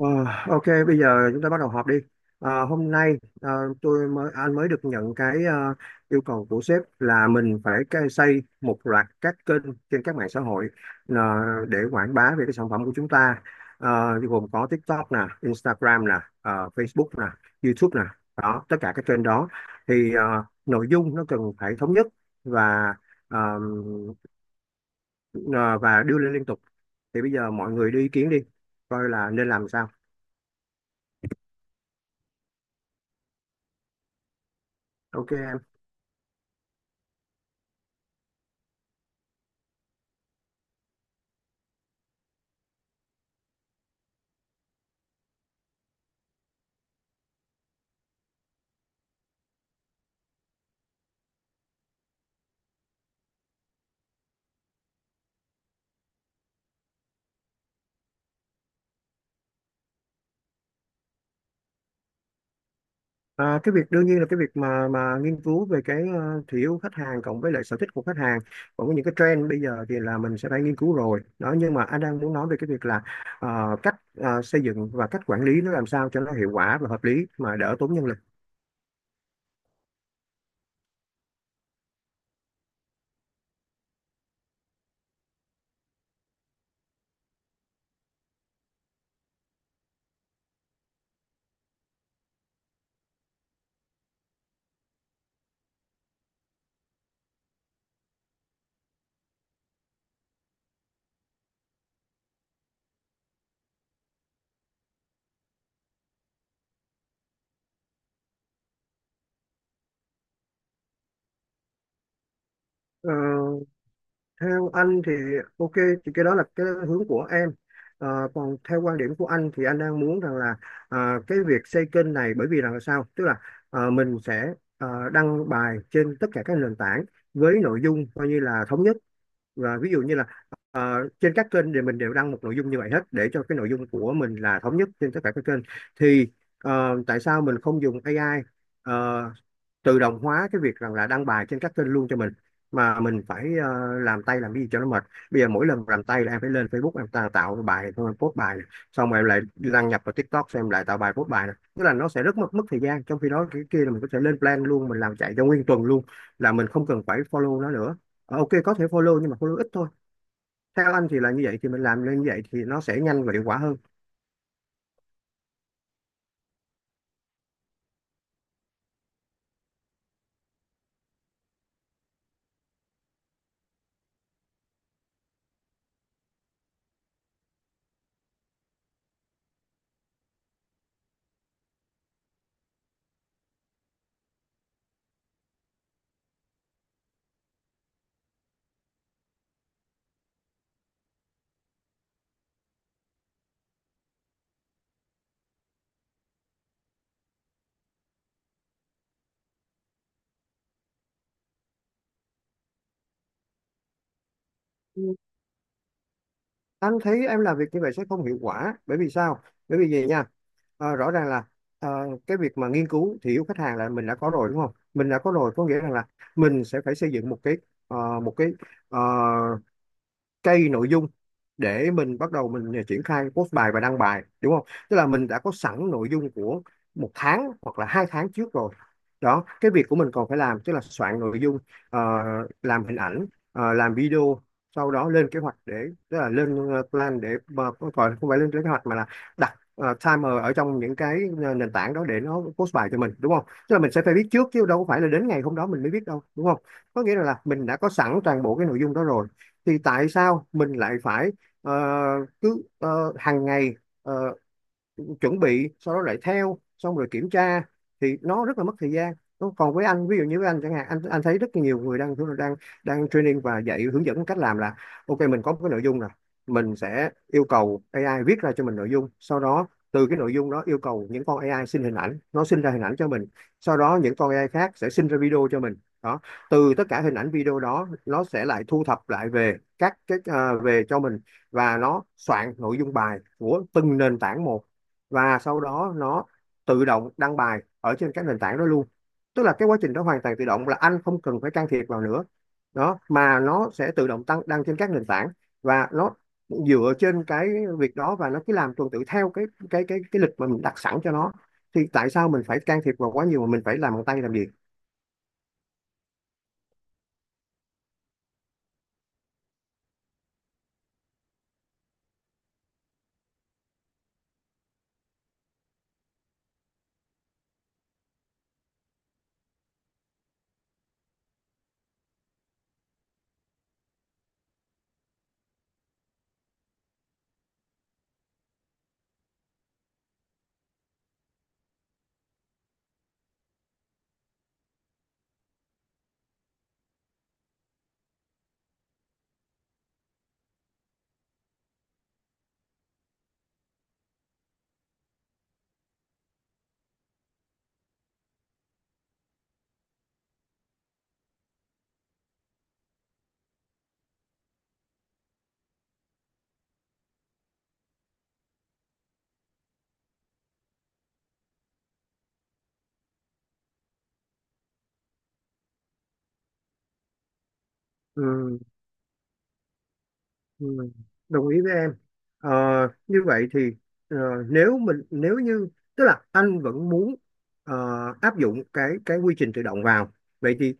Ờ, ok, bây giờ chúng ta bắt đầu họp đi. Hôm nay ờ, tôi mới anh mới được nhận cái yêu cầu của sếp là mình phải xây một loạt các kênh trên các mạng xã hội, ờ, để quảng bá về cái sản phẩm của chúng ta. Gồm có TikTok nè, Instagram nè, Facebook nè, YouTube nè, đó tất cả các kênh đó. Thì nội dung nó cần phải thống nhất và ờ, ờ, và đưa lên liên tục. Thì bây giờ mọi người đưa ý kiến đi, coi là nên làm sao. Ok. À, cái việc đương nhiên là cái việc mà nghiên cứu về cái thị hiếu khách hàng cộng với lại sở thích của khách hàng, còn có những cái trend bây giờ thì là mình sẽ phải nghiên cứu rồi đó, nhưng mà anh đang muốn nói về cái việc là cách xây dựng và cách quản lý nó làm sao cho nó hiệu quả và hợp lý mà đỡ tốn nhân lực. Ờ, Theo anh thì ok, thì cái đó là cái hướng của em. Ờ, Còn theo quan điểm của anh thì anh đang muốn rằng là, à, cái việc xây kênh này bởi vì rằng là sao, tức là mình sẽ đăng bài trên tất cả các nền tảng với nội dung coi như là thống nhất. Và ví dụ như là trên các kênh thì mình đều đăng một nội dung như vậy hết để cho cái nội dung của mình là thống nhất trên tất cả các kênh. Thì tại sao mình không dùng AI tự động hóa cái việc rằng là đăng bài trên các kênh luôn cho mình, mà mình phải làm tay làm cái gì cho nó mệt. Bây giờ mỗi lần làm tay là em phải lên Facebook, em tạo bài xong em post bài này. Xong rồi em lại đăng nhập vào TikTok, xem em lại tạo bài post bài này. Tức là nó sẽ rất mất mất thời gian, trong khi đó cái kia là mình có thể lên plan luôn, mình làm chạy cho nguyên tuần luôn, là mình không cần phải follow nó nữa. Ok, có thể follow nhưng mà follow ít thôi. Theo anh thì là như vậy, thì mình làm lên như vậy thì nó sẽ nhanh và hiệu quả hơn. Ừ, anh thấy em làm việc như vậy sẽ không hiệu quả. Bởi vì sao, bởi vì gì nha? Rõ ràng là ờ, cái việc mà nghiên cứu thị hiếu khách hàng là mình đã có rồi đúng không? Mình đã có rồi có nghĩa rằng là mình sẽ phải xây dựng ờ, một cái ờ, cây nội dung để mình bắt đầu triển khai post bài và đăng bài, đúng không? Tức là mình đã có sẵn nội dung của 1 tháng hoặc là 2 tháng trước rồi. Đó, cái việc của mình còn phải làm tức là soạn nội dung, ờ, làm hình ảnh, làm video, sau đó lên kế hoạch để, tức là lên plan để mà không phải lên kế hoạch mà là đặt timer ở trong những cái nền tảng đó để nó post bài cho mình, đúng không? Tức là mình sẽ phải biết trước chứ đâu có phải là đến ngày hôm đó mình mới biết đâu, đúng không? Có nghĩa là mình đã có sẵn toàn bộ cái nội dung đó rồi, thì tại sao mình lại phải ờ, cứ hàng ngày ờ, chuẩn bị, sau đó lại theo xong rồi kiểm tra, thì nó rất là mất thời gian. Còn với anh, ví dụ như với anh chẳng hạn, anh thấy rất nhiều người đang đang đang training và dạy hướng dẫn cách làm là: ok, mình có một cái nội dung rồi, mình sẽ yêu cầu AI viết ra cho mình nội dung, sau đó từ cái nội dung đó yêu cầu những con AI xin hình ảnh, nó sinh ra hình ảnh cho mình. Sau đó những con AI khác sẽ sinh ra video cho mình. Đó, từ tất cả hình ảnh video đó nó sẽ lại thu thập lại về về cho mình, và nó soạn nội dung bài của từng nền tảng một, và sau đó nó tự động đăng bài ở trên các nền tảng đó luôn. Tức là cái quá trình đó hoàn toàn tự động, là anh không cần phải can thiệp vào nữa. Đó, mà nó sẽ tự động tăng đăng trên các nền tảng, và nó dựa trên cái việc đó và nó cứ làm tuần tự theo cái lịch mà mình đặt sẵn cho nó. Thì tại sao mình phải can thiệp vào quá nhiều mà mình phải làm bằng tay làm gì. Ừ. Ừ, đồng ý với em. Ờ, Như vậy thì ờ, nếu như, tức là anh vẫn muốn ờ, áp dụng cái quy trình tự động vào, vậy thì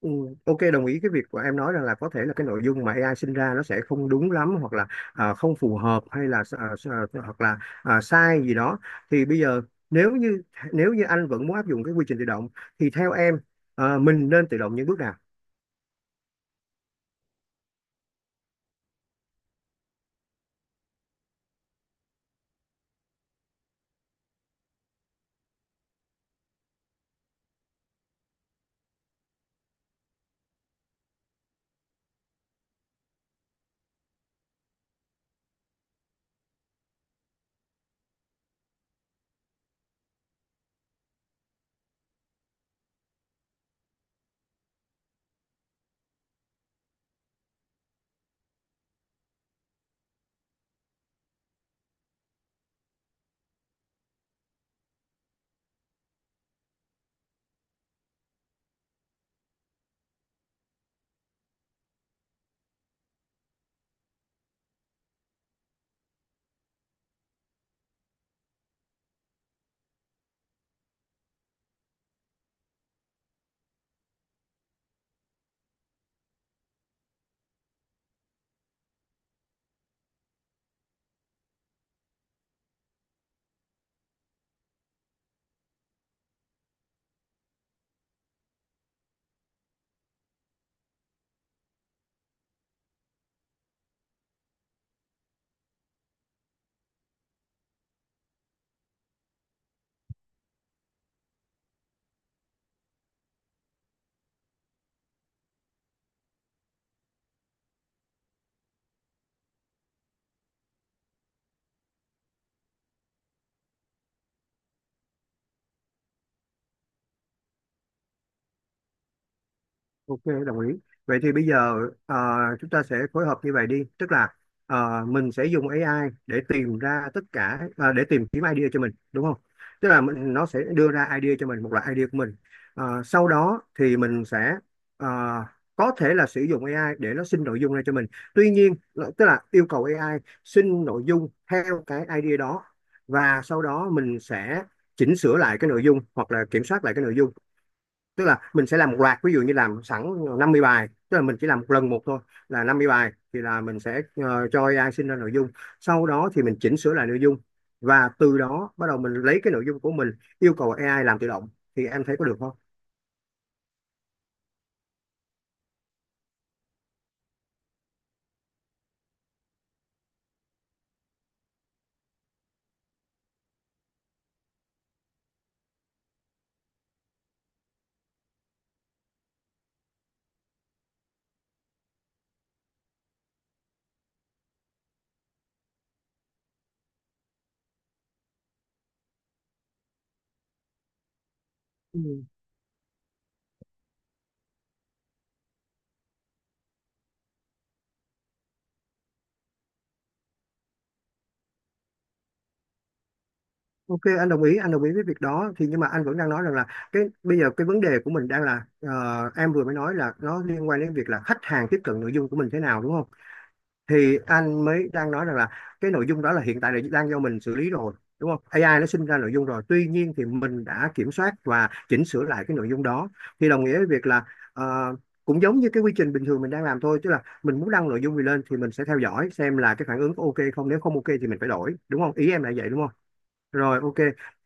ừ, ok, đồng ý cái việc của em nói rằng là có thể là cái nội dung mà AI sinh ra nó sẽ không đúng lắm, hoặc là không phù hợp, hay là hoặc là sai gì đó. Thì bây giờ nếu như nếu như anh vẫn muốn áp dụng cái quy trình tự động thì theo em, mình nên tự động những bước nào? Ok, đồng ý. Vậy thì bây giờ ờ, chúng ta sẽ phối hợp như vậy đi. Tức là mình sẽ dùng AI để tìm ra tất cả, để tìm kiếm idea cho mình, đúng không? Tức là mình, nó sẽ đưa ra idea cho mình, một loại idea của mình. Sau đó thì mình sẽ ờ, có thể là sử dụng AI để nó sinh nội dung ra cho mình. Tuy nhiên, tức là yêu cầu AI sinh nội dung theo cái idea đó, và sau đó mình sẽ chỉnh sửa lại cái nội dung hoặc là kiểm soát lại cái nội dung. Tức là mình sẽ làm một loạt, ví dụ như làm sẵn 50 bài, tức là mình chỉ làm một lần một thôi là 50 bài, thì là mình sẽ cho AI sinh ra nội dung. Sau đó thì mình chỉnh sửa lại nội dung, và từ đó bắt đầu mình lấy cái nội dung của mình yêu cầu AI làm tự động, thì em thấy có được không? Ừ. Ok, anh đồng ý với việc đó, thì nhưng mà anh vẫn đang nói rằng là cái bây giờ cái vấn đề của mình đang là, em vừa mới nói là nó liên quan đến việc là khách hàng tiếp cận nội dung của mình thế nào, đúng không? Thì anh mới đang nói rằng là cái nội dung đó là hiện tại là đang do mình xử lý rồi, đúng không? AI nó sinh ra nội dung rồi tuy nhiên thì mình đã kiểm soát và chỉnh sửa lại cái nội dung đó. Thì đồng nghĩa với việc là ờ, cũng giống như cái quy trình bình thường mình đang làm thôi, tức là mình muốn đăng nội dung gì lên thì mình sẽ theo dõi xem là cái phản ứng có ok không, nếu không ok thì mình phải đổi, đúng không? Ý em là vậy đúng không? Rồi, ok.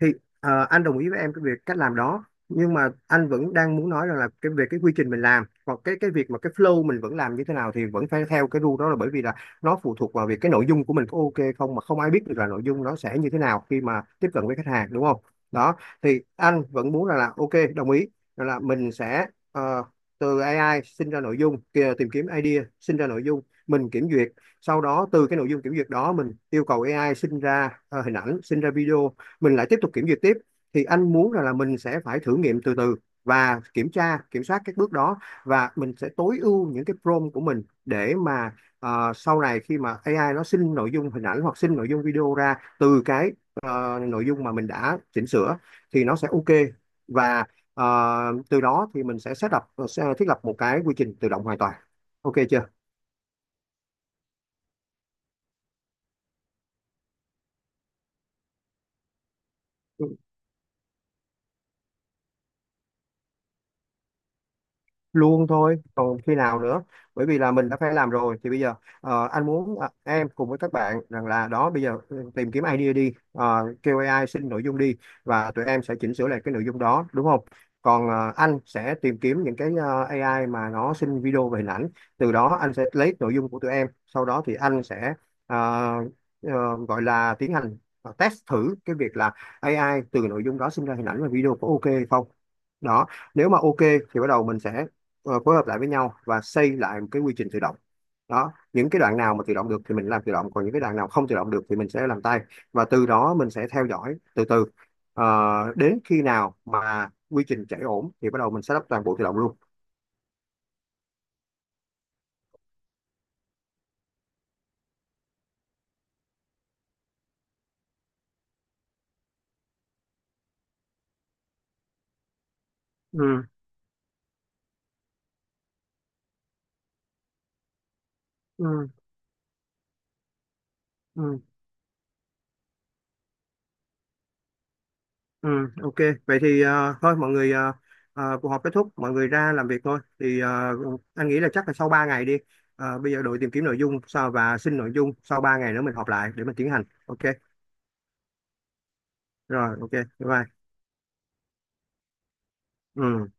Thì anh đồng ý với em cái việc cách làm đó, nhưng mà anh vẫn đang muốn nói rằng là cái về cái quy trình mình làm, hoặc cái việc mà cái flow mình vẫn làm như thế nào thì vẫn phải theo cái rule đó, là bởi vì là nó phụ thuộc vào việc cái nội dung của mình có ok không, mà không ai biết được là nội dung nó sẽ như thế nào khi mà tiếp cận với khách hàng, đúng không? Đó. Thì anh vẫn muốn rằng là ok, đồng ý rằng là mình sẽ ờ, từ AI sinh ra nội dung kìa, tìm kiếm idea sinh ra nội dung, mình kiểm duyệt. Sau đó từ cái nội dung kiểm duyệt đó mình yêu cầu AI sinh ra hình ảnh, sinh ra video, mình lại tiếp tục kiểm duyệt tiếp. Thì anh muốn rằng là mình sẽ phải thử nghiệm từ từ, và kiểm tra kiểm soát các bước đó, và mình sẽ tối ưu những cái prompt của mình để mà sau này khi mà AI nó sinh nội dung hình ảnh hoặc sinh nội dung video ra từ cái, nội dung mà mình đã chỉnh sửa, thì nó sẽ ok. Và ờ, từ đó thì mình sẽ sẽ thiết lập một cái quy trình tự động hoàn toàn, ok chưa? Luôn thôi, còn khi nào nữa. Bởi vì là mình đã phải làm rồi, thì bây giờ anh muốn em cùng với các bạn rằng là, đó bây giờ tìm kiếm idea đi. Ờ, Kêu AI xin nội dung đi, và tụi em sẽ chỉnh sửa lại cái nội dung đó, đúng không? Còn anh sẽ tìm kiếm những cái AI mà nó xin video và hình ảnh. Từ đó anh sẽ lấy nội dung của tụi em, sau đó thì anh sẽ ờ, ờ, gọi là tiến hành test thử cái việc là AI từ nội dung đó sinh ra hình ảnh và video có ok hay không. Đó, nếu mà ok thì bắt đầu mình sẽ phối hợp lại với nhau và xây lại một cái quy trình tự động. Đó, những cái đoạn nào mà tự động được thì mình làm tự động, còn những cái đoạn nào không tự động được thì mình sẽ làm tay. Và từ đó mình sẽ theo dõi từ từ. Ờ, Đến khi nào mà quy trình chạy ổn thì bắt đầu mình sẽ lắp toàn bộ tự động luôn. Ừ, ừ, ừ, ừ. Ok, vậy thì thôi mọi người, cuộc họp kết thúc, mọi người ra làm việc thôi. Thì anh nghĩ là chắc là sau 3 ngày đi. Bây giờ đội tìm kiếm nội dung sau và xin nội dung, sau 3 ngày nữa mình họp lại để mình tiến hành, ok? Rồi, ok, bye. Bye. Ừ.